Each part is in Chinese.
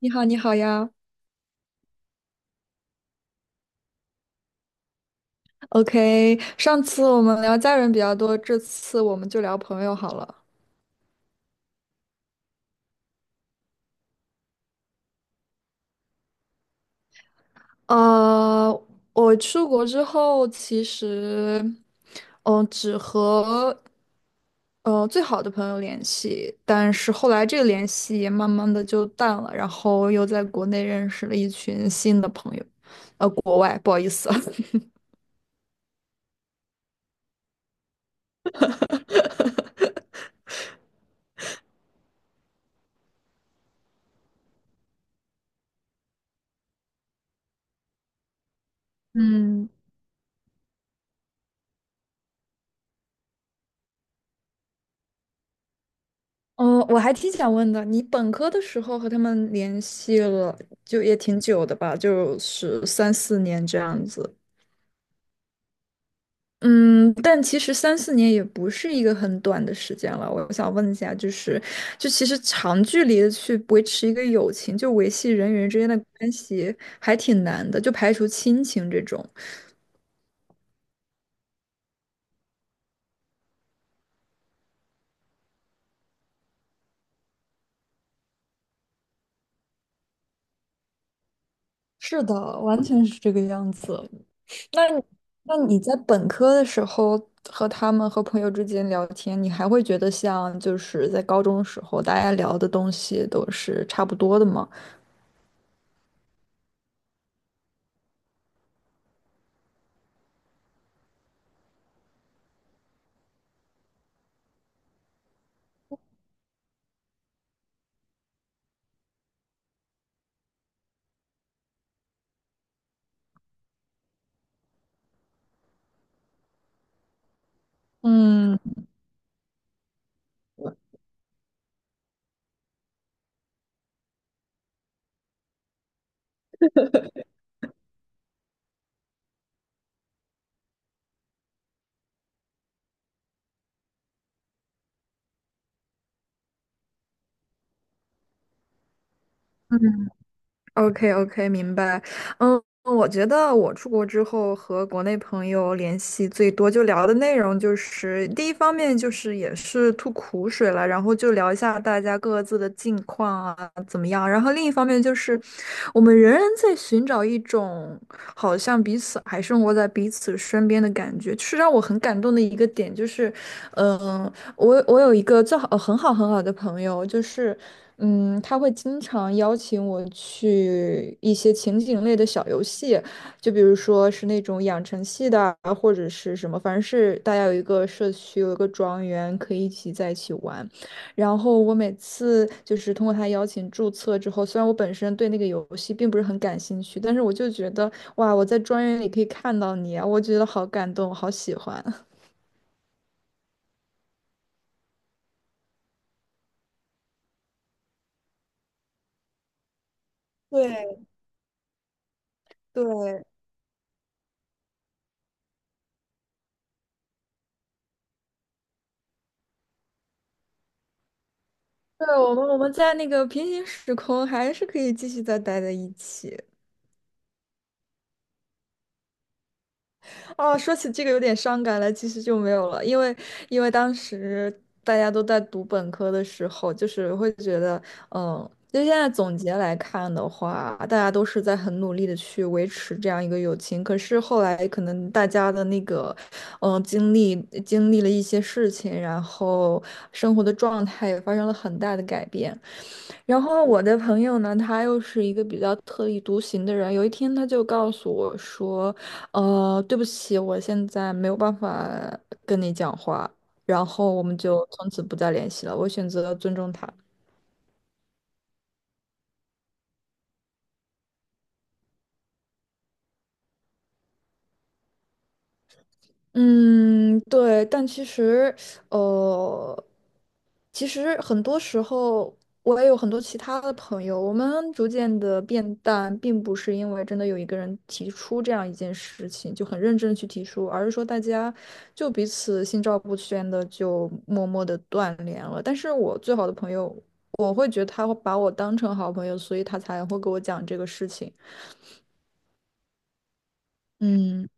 你好，你好呀。OK，上次我们聊家人比较多，这次我们就聊朋友好了。呃，我出国之后，其实，只和最好的朋友联系，但是后来这个联系也慢慢的就淡了，然后又在国内认识了一群新的朋友，国外，不好意思。嗯。哦，我还挺想问的，你本科的时候和他们联系了，就也挺久的吧，就是三四年这样子。嗯，但其实三四年也不是一个很短的时间了。我想问一下，就是，就其实长距离的去维持一个友情，就维系人与人之间的关系，还挺难的，就排除亲情这种。是的，完全是这个样子。那你那你在本科的时候和他们和朋友之间聊天，你还会觉得像就是在高中的时候大家聊的东西都是差不多的吗？嗯 OK OK,明白。嗯，我觉得我出国之后和国内朋友联系最多，就聊的内容就是第一方面就是也是吐苦水了，然后就聊一下大家各自的近况啊怎么样。然后另一方面就是我们仍然在寻找一种好像彼此还生活在彼此身边的感觉，是让我很感动的一个点，就是嗯。我有一个最好很好很好的朋友，就是嗯，他会经常邀请我去一些情景类的小游戏，就比如说是那种养成系的啊，或者是什么，反正是大家有一个社区，有一个庄园，可以一起在一起玩。然后我每次就是通过他邀请注册之后，虽然我本身对那个游戏并不是很感兴趣，但是我就觉得哇，我在庄园里可以看到你啊，我觉得好感动，我好喜欢。对对，对，我们在那个平行时空还是可以继续再待在一起。哦，说起这个有点伤感了，其实就没有了，因为因为当时大家都在读本科的时候，就是会觉得，嗯，就现在总结来看的话，大家都是在很努力的去维持这样一个友情，可是后来可能大家的那个，嗯，经历了一些事情，然后生活的状态也发生了很大的改变。然后我的朋友呢，他又是一个比较特立独行的人。有一天，他就告诉我说："对不起，我现在没有办法跟你讲话。"然后我们就从此不再联系了。我选择了尊重他。嗯，对，但其实，呃，其实很多时候我也有很多其他的朋友，我们逐渐的变淡，并不是因为真的有一个人提出这样一件事情就很认真地去提出，而是说大家就彼此心照不宣的就默默的断联了。但是我最好的朋友，我会觉得他会把我当成好朋友，所以他才会给我讲这个事情。嗯，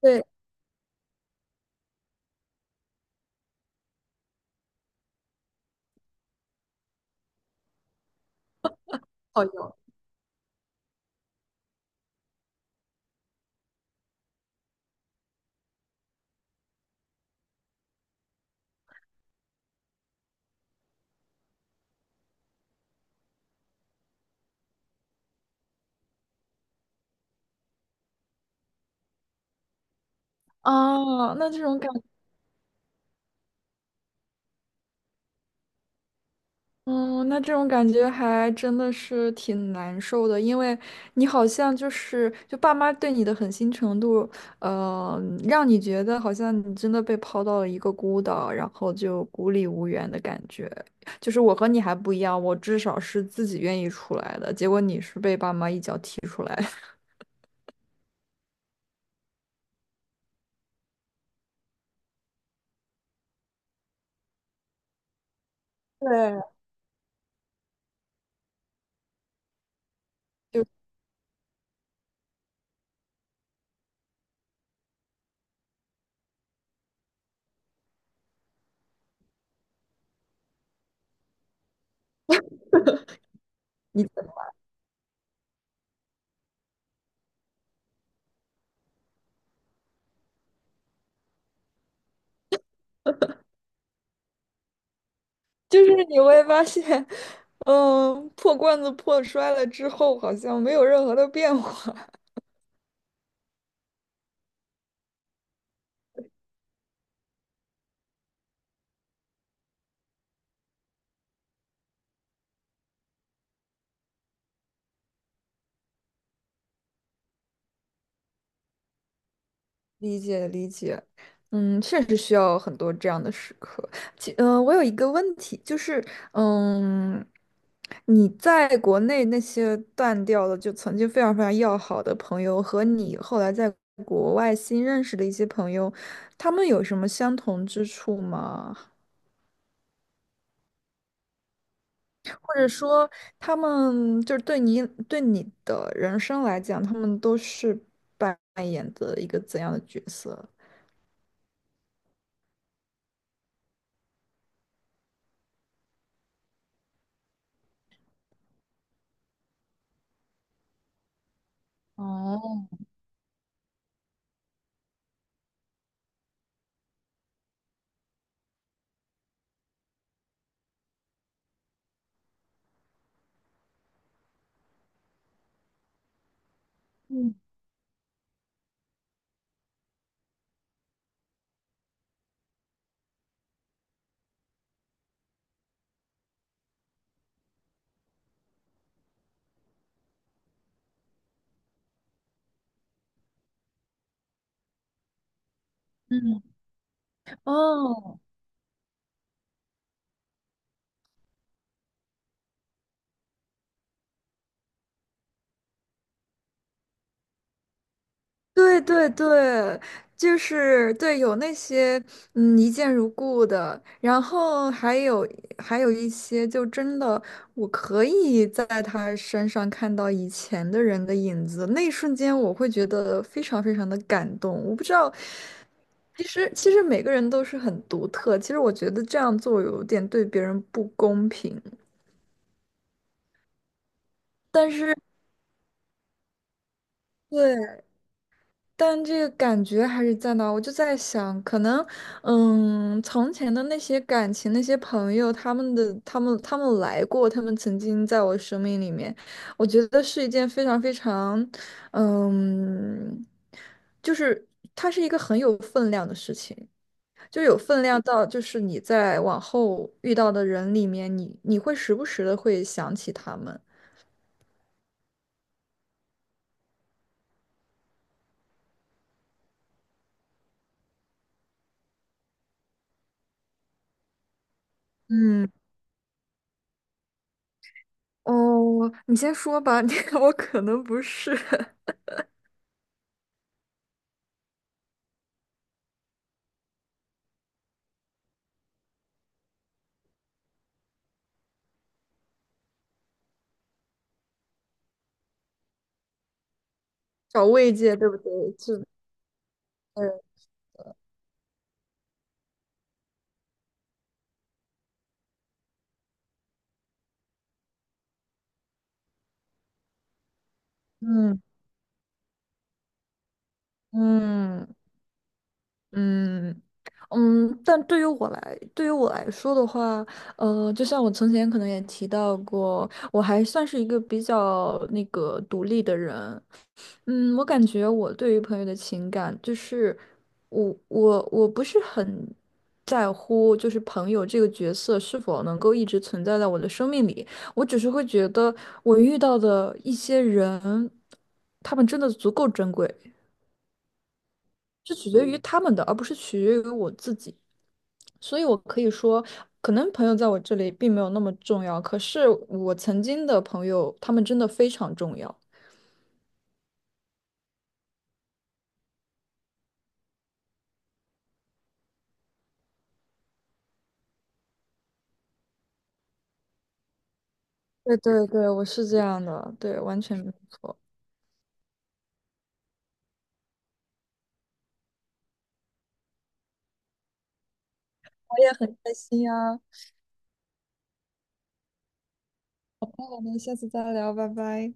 对，好友啊，那这种感。嗯，那这种感觉还真的是挺难受的，因为你好像就是就爸妈对你的狠心程度，呃，让你觉得好像你真的被抛到了一个孤岛，然后就孤立无援的感觉。就是我和你还不一样，我至少是自己愿意出来的，结果你是被爸妈一脚踢出来的对，就你就是你会发现，嗯，破罐子破摔了之后，好像没有任何的变化。理解理解，嗯，确实需要很多这样的时刻。我有一个问题，就是，嗯，你在国内那些断掉的，就曾经非常非常要好的朋友，和你后来在国外新认识的一些朋友，他们有什么相同之处吗？或者说，他们就是对你对你的人生来讲，他们都是扮演的一个怎样的角色？嗯，哦，对对对，就是对，有那些嗯一见如故的，然后还有还有一些就真的我可以在他身上看到以前的人的影子，那一瞬间我会觉得非常非常的感动。我不知道，其实每个人都是很独特，其实我觉得这样做有点对别人不公平。但对，但这个感觉还是在那儿我就在想，可能，嗯，从前的那些感情、那些朋友，他们来过，他们曾经在我生命里面，我觉得是一件非常非常，嗯，就是它是一个很有分量的事情，就有分量到，就是你在往后遇到的人里面，你会时不时的会想起他们。嗯，哦，你先说吧，我可能不是。找慰藉，对不对？是，嗯嗯嗯嗯。但对于我来，对于我来说的话，就像我从前可能也提到过，我还算是一个比较那个独立的人，嗯，我感觉我对于朋友的情感，就是我不是很在乎，就是朋友这个角色是否能够一直存在在我的生命里。我只是会觉得我遇到的一些人，他们真的足够珍贵，是取决于他们的，而不是取决于我自己。所以我可以说，可能朋友在我这里并没有那么重要，可是我曾经的朋友，他们真的非常重要。对对对，我是这样的，对，完全没错。我也很开心呀！那我们下次再聊，拜拜。